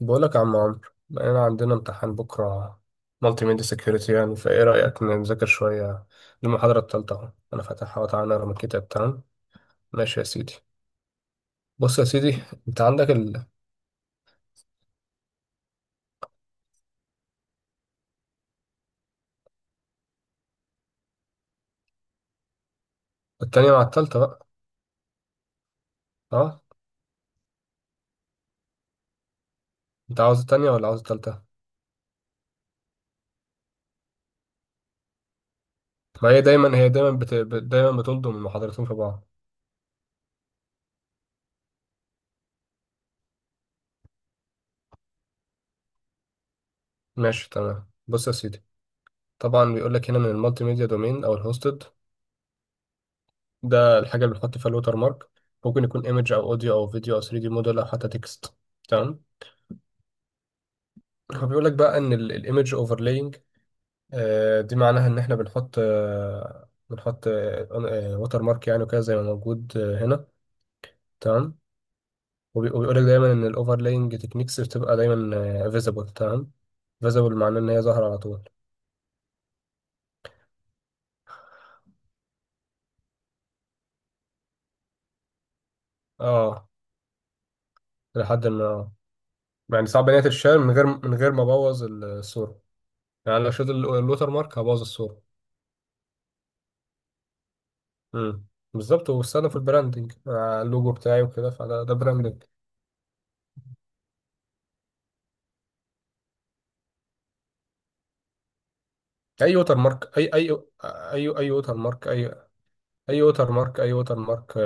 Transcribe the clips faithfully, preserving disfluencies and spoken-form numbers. بقولك يا عم عمرو، انا عندنا امتحان بكره مالتي ميديا سكيورتي. يعني فايه رايك نذاكر شويه للمحاضره التالتة؟ اهو انا فاتحها وتعالى نقرا من الكتاب. تمام، ماشي يا سيدي. بص يا سيدي، انت عندك ال- التانية مع التالتة بقى. اه انت عاوز التانية ولا عاوز التالتة؟ ما هي دايما، هي دايما بت... بت- دايما بتلضم المحاضرتين في بعض. ماشي تمام، بص يا سيدي. طبعا بيقول لك هنا من المالتي ميديا دومين او الهوستد، ده الحاجه اللي بنحط فيها الوتر مارك. ممكن يكون ايمج او اوديو او فيديو او ثري دي موديل او حتى تكست، تمام. هو بيقول لك بقى ان الايمج اوفرلاينج دي معناها ان احنا بنحط آه، بنحط ووتر مارك، يعني وكده زي ما موجود آه، هنا، تمام. وبي- وبيقول لك دايما ان الاوفرلاينج تكنيكس بتبقى دايما فيزبل، تمام. فيزبل معناه ان هي ظاهره على طول. اه، لحد ما آه. يعني صعب ان هي تتشال من غير، من غير ما ابوظ الصوره. يعني لو شلت ال- الوتر مارك هبوظ الصوره. امم، بالظبط. وبستخدم في البراندنج مع اللوجو بتاعي وكده، فده ده براندنج. اي ووتر مارك، اي اي اي اي ووتر مارك، اي اي ووتر مارك، اي ووتر مارك آه،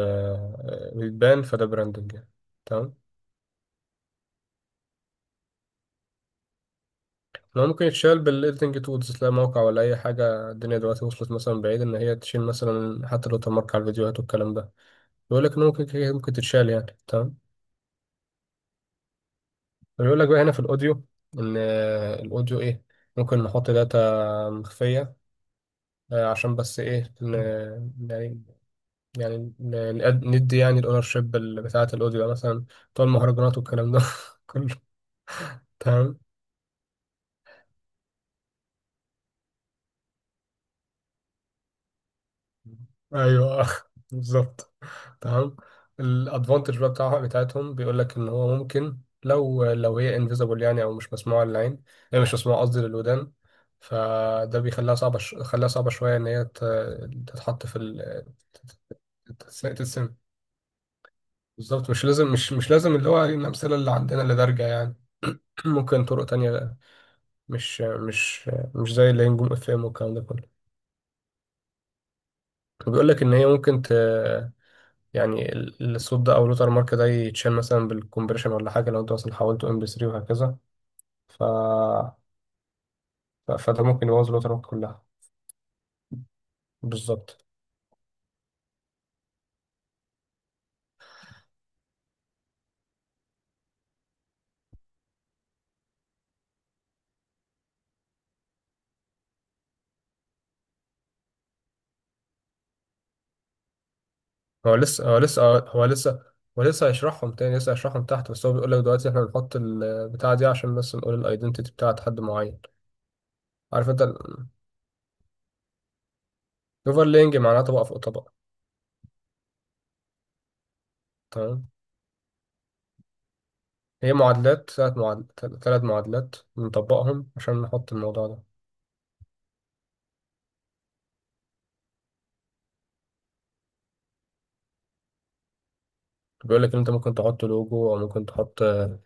آه، بيتبان، فده براندنج يعني، تمام. لو ممكن يتشال بالايديتنج تولز، لا موقع ولا اي حاجه. الدنيا دلوقتي وصلت مثلا بعيد ان هي تشيل مثلا حتى الووتر مارك على الفيديوهات والكلام ده. بيقول لك ان ممكن كده- ممكن تتشال يعني، تمام. بيقول لك بقى هنا في الاوديو ان آه، الاوديو ايه، ممكن نحط داتا مخفيه، آه، عشان بس ايه ن- يعني، يعني ن- نقد- ندي يعني الاونر شيب بتاعة الاوديو، مثلا بتوع المهرجانات والكلام ده كله، تمام. ايوه بالظبط، تمام. الادفانتج بقى بتاعها بتاعتهم، بيقول لك ان هو ممكن لو لو هي انفيزبل يعني، او مش مسموعه للعين، هي مش مسموعه قصدي للودان. فده بيخليها صعبه ش... خليها صعبه شويه ان هي ت... تتحط في ال... تتس- تتسمع. بالظبط، مش لازم، مش مش لازم اللي هو الامثله اللي عندنا اللي دارجه يعني. ممكن طرق تانية، مش مش مش زي اللي هي نجوم اف ام والكلام ده كله. بيقول لك ان هي ممكن ت، يعني ال- الصوت ده او اللوتر مارك ده يتشال مثلا بالكمبريشن ولا حاجه، لو انت مثلا حولته ام بي ثري وهكذا. ف... ف... فده ممكن يبوظ اللوتر مارك كلها. بالظبط. هو لسه هو لسه هو لسه هو لسه هيشرحهم تاني، لسه هيشرحهم تحت، بس هو بيقول لك دلوقتي احنا بنحط البتاعه دي عشان بس نقول الايدنتيتي بتاعت حد معين. عارف انت، الاوفرلينج معناه طبقه فوق طبقه، تمام. هي معادلات، ثلاث معادلات ثلاث معادلات بنطبقهم عشان نحط الموضوع ده. بيقول لك ان انت ممكن تحط لوجو او ممكن تحط آه،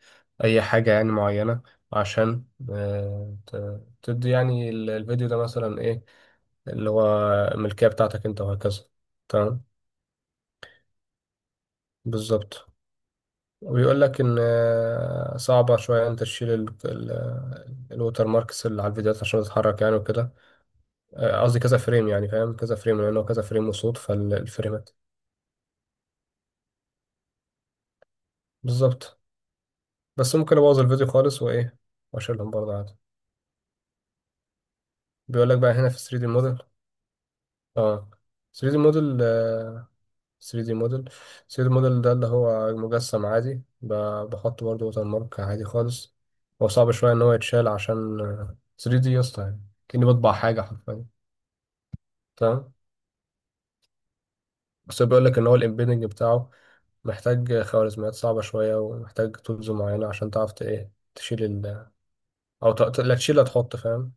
اي حاجة يعني معينة، عشان آه، ت- تدي يعني ال- الفيديو ده مثلا ايه، اللي هو الملكية بتاعتك انت وهكذا، تمام. بالظبط. وبيقول لك ان آه، صعبة شوية انت تشيل ال- ال- الوتر ماركس اللي على الفيديوهات عشان تتحرك يعني وكده. آه، قصدي كذا فريم يعني، فاهم كذا فريم، لانه كذا فريم وصوت فالفريمات. بالظبط. بس ممكن ابوظ الفيديو خالص، وايه واشيلهم برضه عادي. بيقول لك بقى هنا في ثري دي موديل. اه، ثري دي موديل ثري دي موديل ثري دي موديل ده اللي هو مجسم عادي، ب- بحط برضه وتر مارك عادي خالص. هو صعب شوية ان هو يتشال عشان آه، ثري دي يا اسطى يعني، كأني بطبع حاجة حرفيا، تمام. بس هو بيقول لك ان هو الامبيدنج بتاعه محتاج خوارزميات صعبة شوية، ومحتاج تولز معينة عشان تعرف ت- ايه تشيل ال، او ت- ت- لا تشيل لا تحط، فاهم.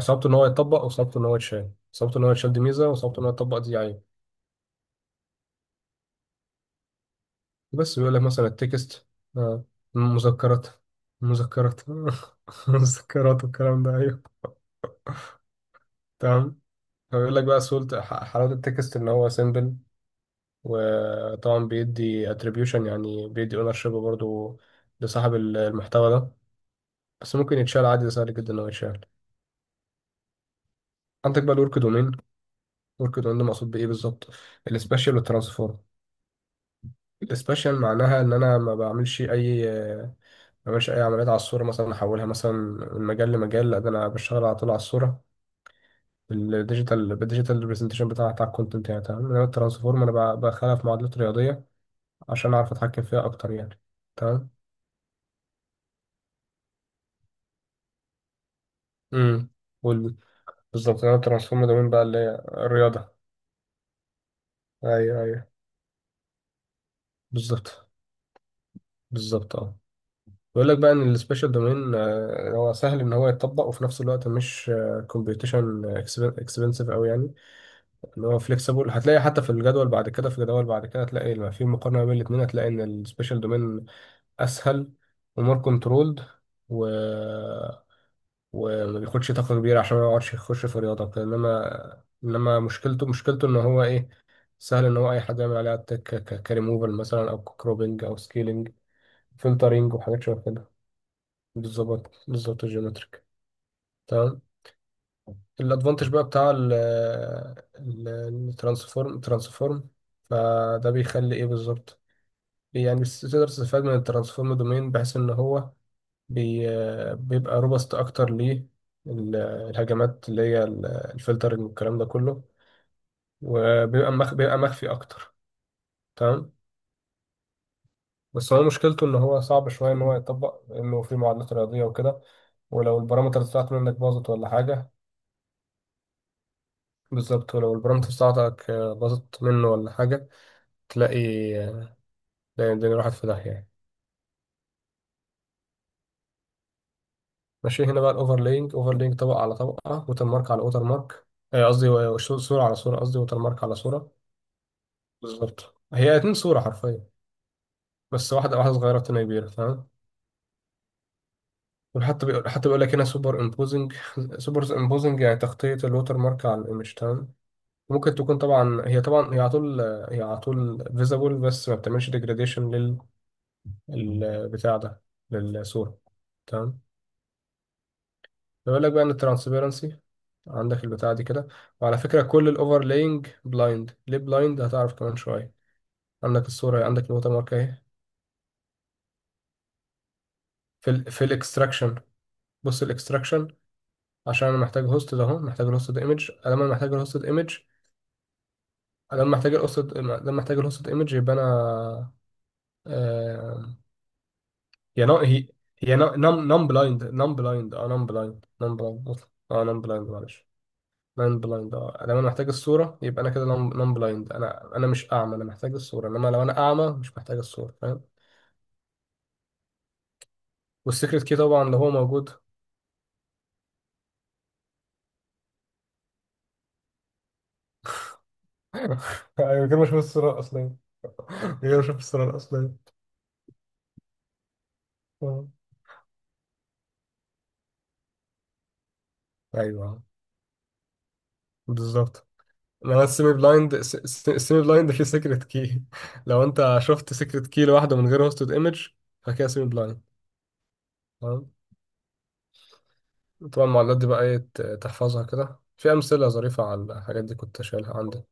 صعبته ان هو يتطبق وصعبته ان هو يتشال. صعبته ان هو يتشال دي ميزه، وصعبته ان هو يتطبق دي عيب. بس بيقول لك مثلا التكست، آه، المذكرات، المذكرات المذكرات والكلام ده، ايوه تمام. فبيقول لك بقى سهولة، ح- حلاوة التكست ان هو سيمبل، وطبعا بيدي اتريبيوشن يعني بيدي اونر شيب برضه لصاحب ال- المحتوى ده. بس ممكن يتشال عادي، ده سهل جدا ان هو يتشال. عندك بقى الورك دومين. الورك دومين ده مقصود بايه بالظبط؟ السبيشال والترانسفورم. السبيشال معناها ان انا ما بعملش اي ما بعملش اي عمليات على الصوره، مثلا احولها مثلا من مجال لمجال، لا ده انا بشتغل على طول على الصوره. بالديجيتال، بالديجيتال ريبرزنتيشن بتاع بتاع الكونتنت يعني، تمام. انما الترانسفورم انا ب- بخلها في معادلات رياضيه عشان اعرف اتحكم فيها اكتر يعني، تمام. امم، وال- بالظبط. انا الترانسفورم دومين بقى اللي هي الرياضه. ايوه ايوه. بالظبط، بالظبط اه. بيقول لك بقى ان السبيشال دومين هو سهل ان هو يتطبق، وفي نفس الوقت مش كومبيوتيشن اكسبنسيف قوي يعني، اللي هو فليكسيبل. هتلاقي حتى في الجدول بعد كده، في جدول بعد كده هتلاقي لما في مقارنة بين الاثنين هتلاقي ان السبيشال دومين اسهل، ومور كنترولد، و وما بياخدش طاقة كبيرة عشان ما يقعدش يخش في رياضة وكده. انما انما مشكلته مشكلته ان هو ايه، سهل ان هو اي حد يعمل عليها اتاك، كريموفال مثلا او كروبنج او سكيلينج، فلترنج وحاجات شبه كده. بالظبط، بالظبط الجيومتريك، تمام. الادفانتج بقى بتاع ال، ال- الترانسفورم، ترانسفورم فده بيخلي ايه بالظبط، يعني بس- تقدر تستفاد من الترانسفورم دومين بحيث ان هو بي بيبقى روبست اكتر ليه، ال- الهجمات اللي هي ال- الفلترنج والكلام ده كله. وبيبقى مخ بيبقى مخفي اكتر، تمام. بس هو مشكلته ان هو صعب شويه ان هو يطبق، انه في معادلات رياضيه وكده، ولو البارامترز بتاعته منك باظت ولا حاجه. بالظبط، ولو البارامترز بتاعتك باظت منه ولا حاجه، تلاقي تلاقي الدنيا راحت في داهية يعني. ماشي. هنا بقى الأوفرلينج، أوفرلينج طبقة على طبقة، ووتر مارك على ووتر مارك. آه، قصدي و- وش- صورة على صورة، قصدي ووتر مارك على صورة. بالظبط، هي اتنين صورة حرفيا، بس واحدة واحدة صغيرة والتانية كبيرة، فاهم. وحتى بيقول حتى بيقول لك هنا سوبر امبوزنج. سوبر امبوزنج يعني تغطية الووتر مارك على الايمج، تمام. ممكن تكون، طبعا هي طبعا هي على طول، هي على طول فيزابل، بس ما بتعملش ديجراديشن للبتاع ده، للصورة، تمام. بيقول لك بقى ان الترانسبيرنسي، عندك البتاع دي كده. وعلى فكرة كل الاوفرلاينج بلايند. ليه بلايند؟ هتعرف كمان شوية. عندك الصورة، عندك الووتر مارك اهي. في ال في الاكستراكشن. بص الاكستراكشن، عشان انا محتاج هوست ده اهو، محتاج الهوستد ايمج. لما انا محتاج الهوستد ايمج لما محتاج الهوستد لما محتاج الهوستد ايمج يبقى انا آه... هي نو هي هي نم نم بلايند نم بلايند اه نم بلايند نم بلايند اه نم بلايند معلش، نان بلايند. اه لما انا محتاج الصورة يبقى انا كده نان بلايند، انا انا مش اعمى، انا محتاج الصورة. انما لو انا اعمى مش محتاج الصورة، فاهم. والسيكريت كي طبعا لو هو موجود. ايوه، من غير ما اشوف الصورة الاصلية، من غير ما اشوف الصورة الاصلية آه. ايوه بالظبط. انما السيمي بلايند، س- س- السيمي بلايند فيه سيكريت كي. لو انت شفت سيكريت كي لوحده من غير هوستد ايمج، فكده سيمي بلايند، تمام. طبعا المعادلات دي بقى ايه، ت- تحفظها كده. في امثله ظريفه على الحاجات دي كنت شايلها عندي،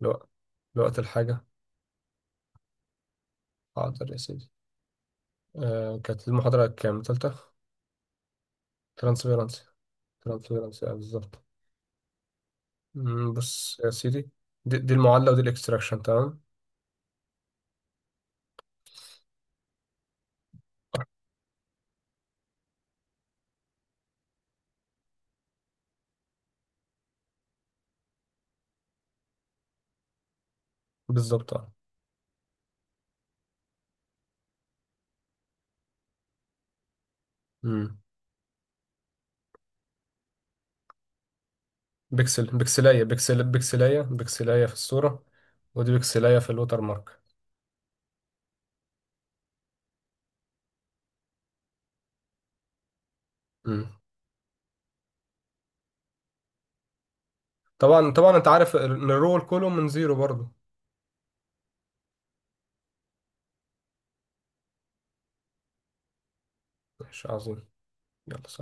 لو- لوقت الحاجه. حاضر يا سيدي. آه كانت المحاضرة كام، تالتة؟ ترانسفيرنس، ترانسفيرنس آه بالظبط. مم، بص يا سيدي، دي, دي المعادلة ودي الاكستراكشن، تمام. بالظبط اه. مم، بيكسل بيكسلاية بيكسل بيكسلاية، بيكسلاية في الصورة، ودي بيكسلاية في الوتر مارك. مم. طبعا طبعا انت عارف ان الرول كله من زيرو برضه. ماشي عظيم، يلا سلام.